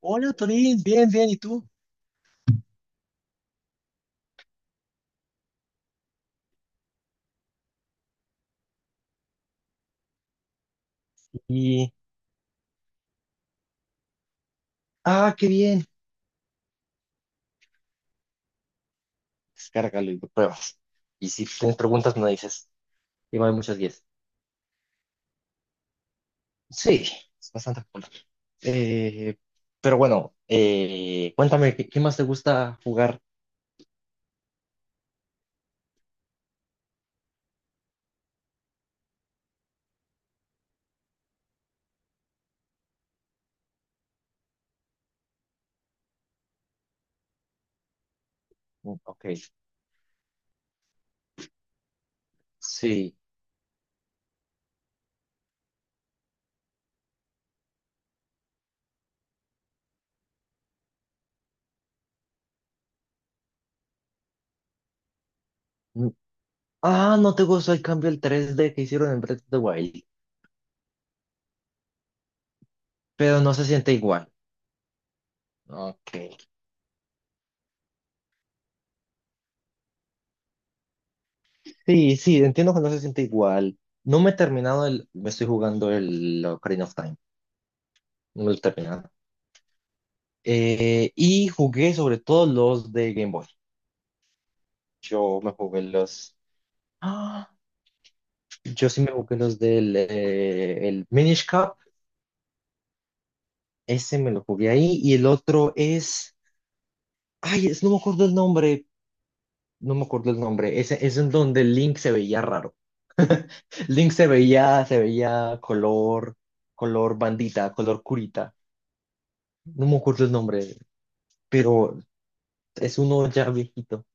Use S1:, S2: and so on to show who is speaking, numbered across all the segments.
S1: Hola, Torín, bien, bien, ¿y tú? Y, ah, qué bien. Descárgalo y lo pruebas. Y si tienes preguntas, me dices. Y hay muchos 10. Sí, es bastante cool. Eh, pero bueno, cuéntame, ¿ qué más te gusta jugar? Mm, ok, sí. Mm, ah, no te gusta el cambio, el 3D que hicieron en Breath of the Wild, pero no se siente igual. Ok. Sí, sí, entiendo que no se siente igual. No me he terminado el, me estoy jugando el Ocarina of Time. No me lo he terminado. Y jugué sobre todo los de Game Boy. Yo me jugué los. ¡Ah! Yo sí me jugué los del el Minish Cup. Ese me lo jugué ahí. Y el otro es, ay, es- no me acuerdo el nombre. No me acuerdo el nombre. Ese es en donde Link se veía raro. Link se veía color, color bandita, color curita. No me acuerdo el nombre, pero es uno ya viejito.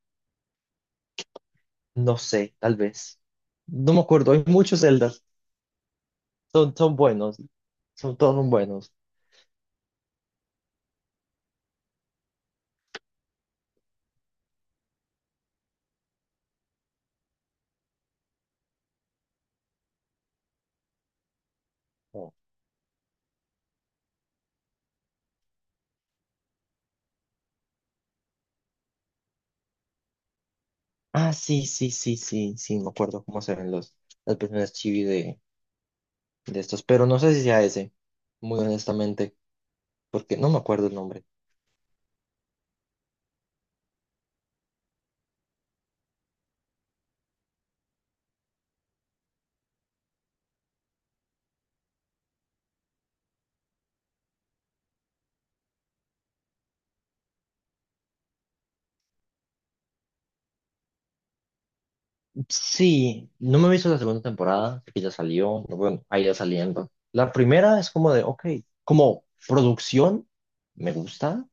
S1: No sé, tal vez. No me acuerdo. Hay muchos Zeldas. Son buenos. Son todos buenos. Oh. Ah, sí, sí, sí, sí, sí, me acuerdo cómo se ven los, las personas chibi de estos, pero no sé si sea ese, muy honestamente, porque no me acuerdo el nombre. Sí, no me he visto la segunda temporada, que ya salió, no, bueno, ahí ya saliendo. La primera es como de, ok, como producción, me gusta.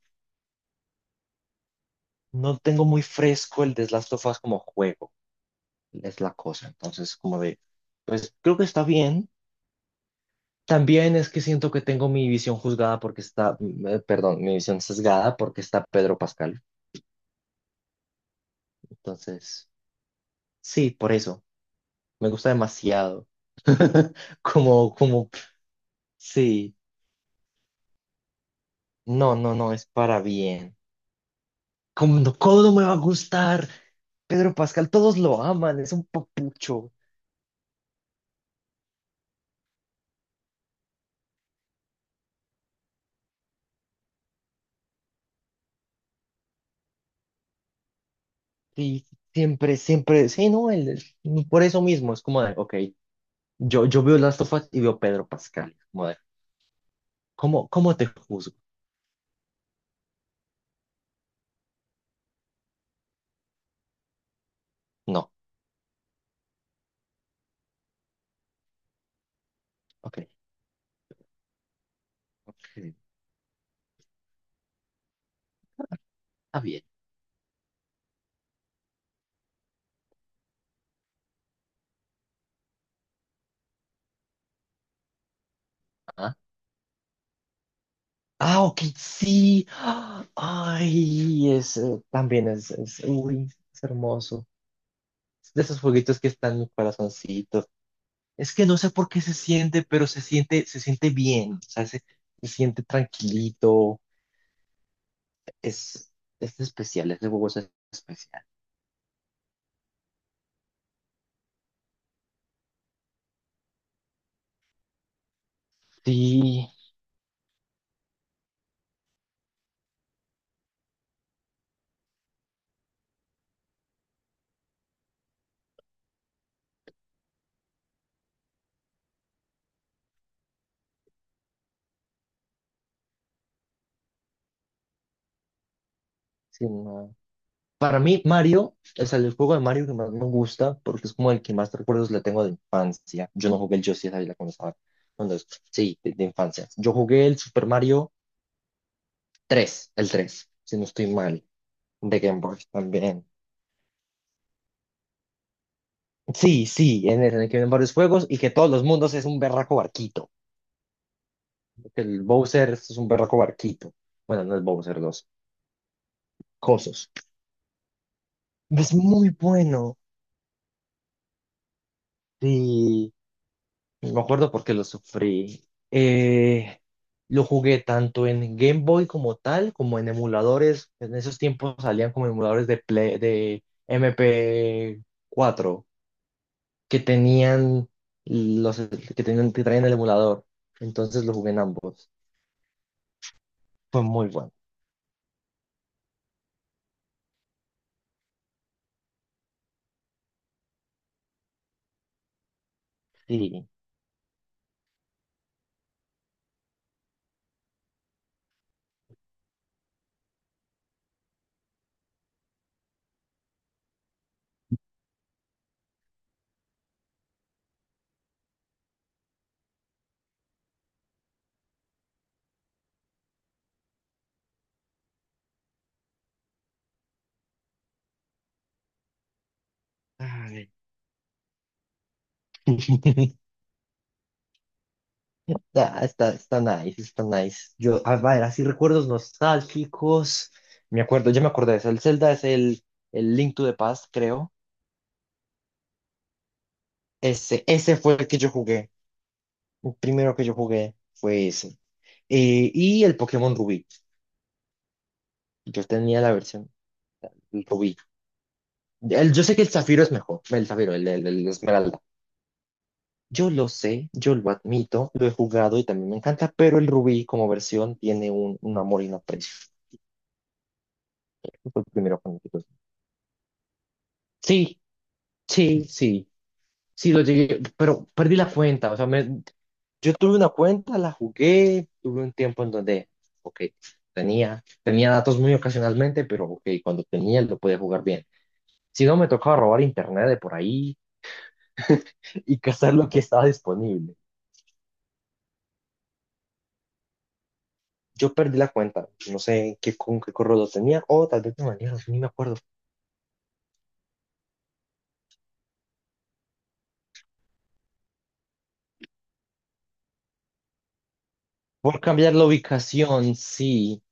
S1: No tengo muy fresco el de Last of Us como juego, es la cosa. Entonces, como de, pues creo que está bien. También es que siento que tengo mi visión juzgada porque está, perdón, mi visión sesgada porque está Pedro Pascal. Entonces, sí, por eso. Me gusta demasiado. Como, como, sí. No, no, no, es para bien. Cómo no me va a gustar? Pedro Pascal, todos lo aman, es un papucho. Sí, siempre, siempre, sí, no, él- por eso mismo, es como de, ok, yo veo Last of Us y veo Pedro Pascal. Como de, ¿cómo, cómo te juzgo? No, ok. Ok. Está bien. Ah, ah, ok, sí. Ah, ay, es, también es, uy, es hermoso. Es de esos jueguitos que están en mi corazoncito. Es que no sé por qué se siente, pero se siente bien. O sea, se siente tranquilito. Es, es especial, ese juego es especial. Sí, sí, no. Para mí, Mario es el juego de Mario que más me gusta porque es como el que más recuerdos le tengo de infancia. Yo no jugué el Yoshi de la cuando estaba. Cuando, es- sí, de infancia. Yo jugué el Super Mario 3, el 3 si no estoy mal, de Game Boy también. Sí, sí, en el que vienen varios juegos y que todos los mundos es un berraco barquito. Que El Bowser es un berraco barquito. Bueno, no es Bowser, los cosos. Es muy bueno. Sí. Me acuerdo porque lo sufrí. Eh, lo jugué tanto en Game Boy como tal, como en emuladores. En esos tiempos salían como emuladores de Play- de MP4 que tenían los que tenían que traían el emulador. Entonces lo jugué en ambos. Fue muy bueno. Sí. Ay. Está, está, está nice, está nice. Yo, a ver, así recuerdos nostálgicos. Me acuerdo, ya me acordé de eso. El Zelda es el Link to the Past, creo. Ese fue el que yo jugué. El primero que yo jugué fue ese. Y el Pokémon Rubí. Yo tenía la versión Rubí. El- yo sé que el Zafiro es mejor. El Zafiro, el Esmeralda. Yo lo sé, yo lo admito, lo he jugado y también me encanta, pero el Rubí como versión tiene un amor y un aprecio. Fue el primero con el que tuve. Sí, sí, sí. Sí, lo llegué, pero perdí la cuenta. O sea, me, yo tuve una cuenta, la jugué, tuve un tiempo en donde, ok, tenía, tenía datos muy ocasionalmente, pero ok, cuando tenía lo podía jugar bien. Si no, me tocaba robar internet de por ahí y cazar lo que estaba disponible. Yo perdí la cuenta, no sé qué, con qué correo lo tenía, o tal vez me bañaron, ni me acuerdo. Por cambiar la ubicación, sí.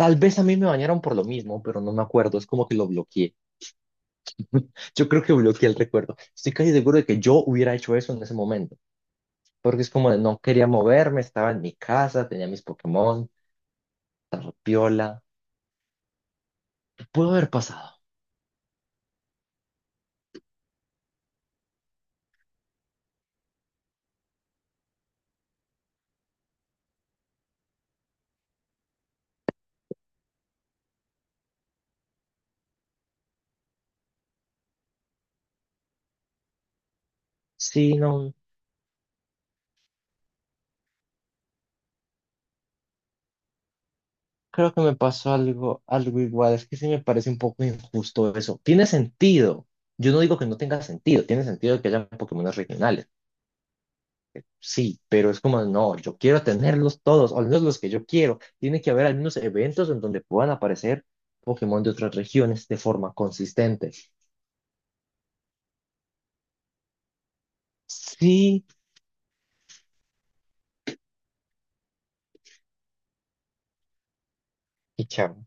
S1: Tal vez a mí me bañaron por lo mismo, pero no me acuerdo, es como que lo bloqueé. Yo creo que bloqueé el recuerdo. Estoy casi seguro de que yo hubiera hecho eso en ese momento, porque es como de no quería moverme, estaba en mi casa, tenía mis Pokémon, estaba piola. Pudo haber pasado. Sí, no, creo que me pasó algo, algo igual. Es que sí me parece un poco injusto eso. Tiene sentido. Yo no digo que no tenga sentido, tiene sentido que haya Pokémon regionales. Sí, pero es como, no, yo quiero tenerlos todos, o al menos los que yo quiero. Tiene que haber algunos eventos en donde puedan aparecer Pokémon de otras regiones de forma consistente. Sí, qué chavo.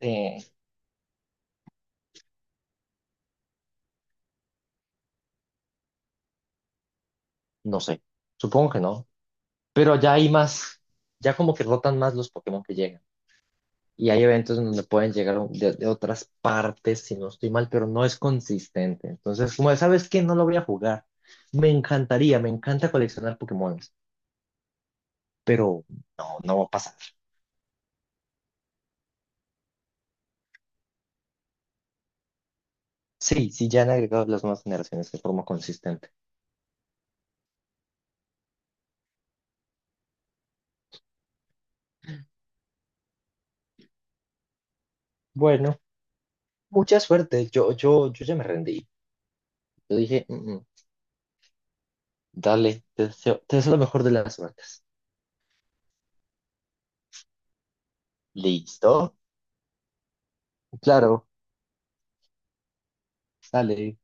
S1: Eh, no sé, supongo que no. Pero ya hay más, ya como que rotan más los Pokémon que llegan. Y hay eventos en donde pueden llegar un- de otras partes, si no estoy mal, pero no es consistente. Entonces, como de, sabes que no lo voy a jugar. Me encantaría, me encanta coleccionar Pokémon, pero no, no va a pasar. Sí, sí, ya han agregado las nuevas generaciones de forma consistente. Bueno, mucha suerte. Yo ya me rendí. Yo dije, "Mm, mm, dale, te deseo lo mejor de las suertes". Listo. Claro, sale.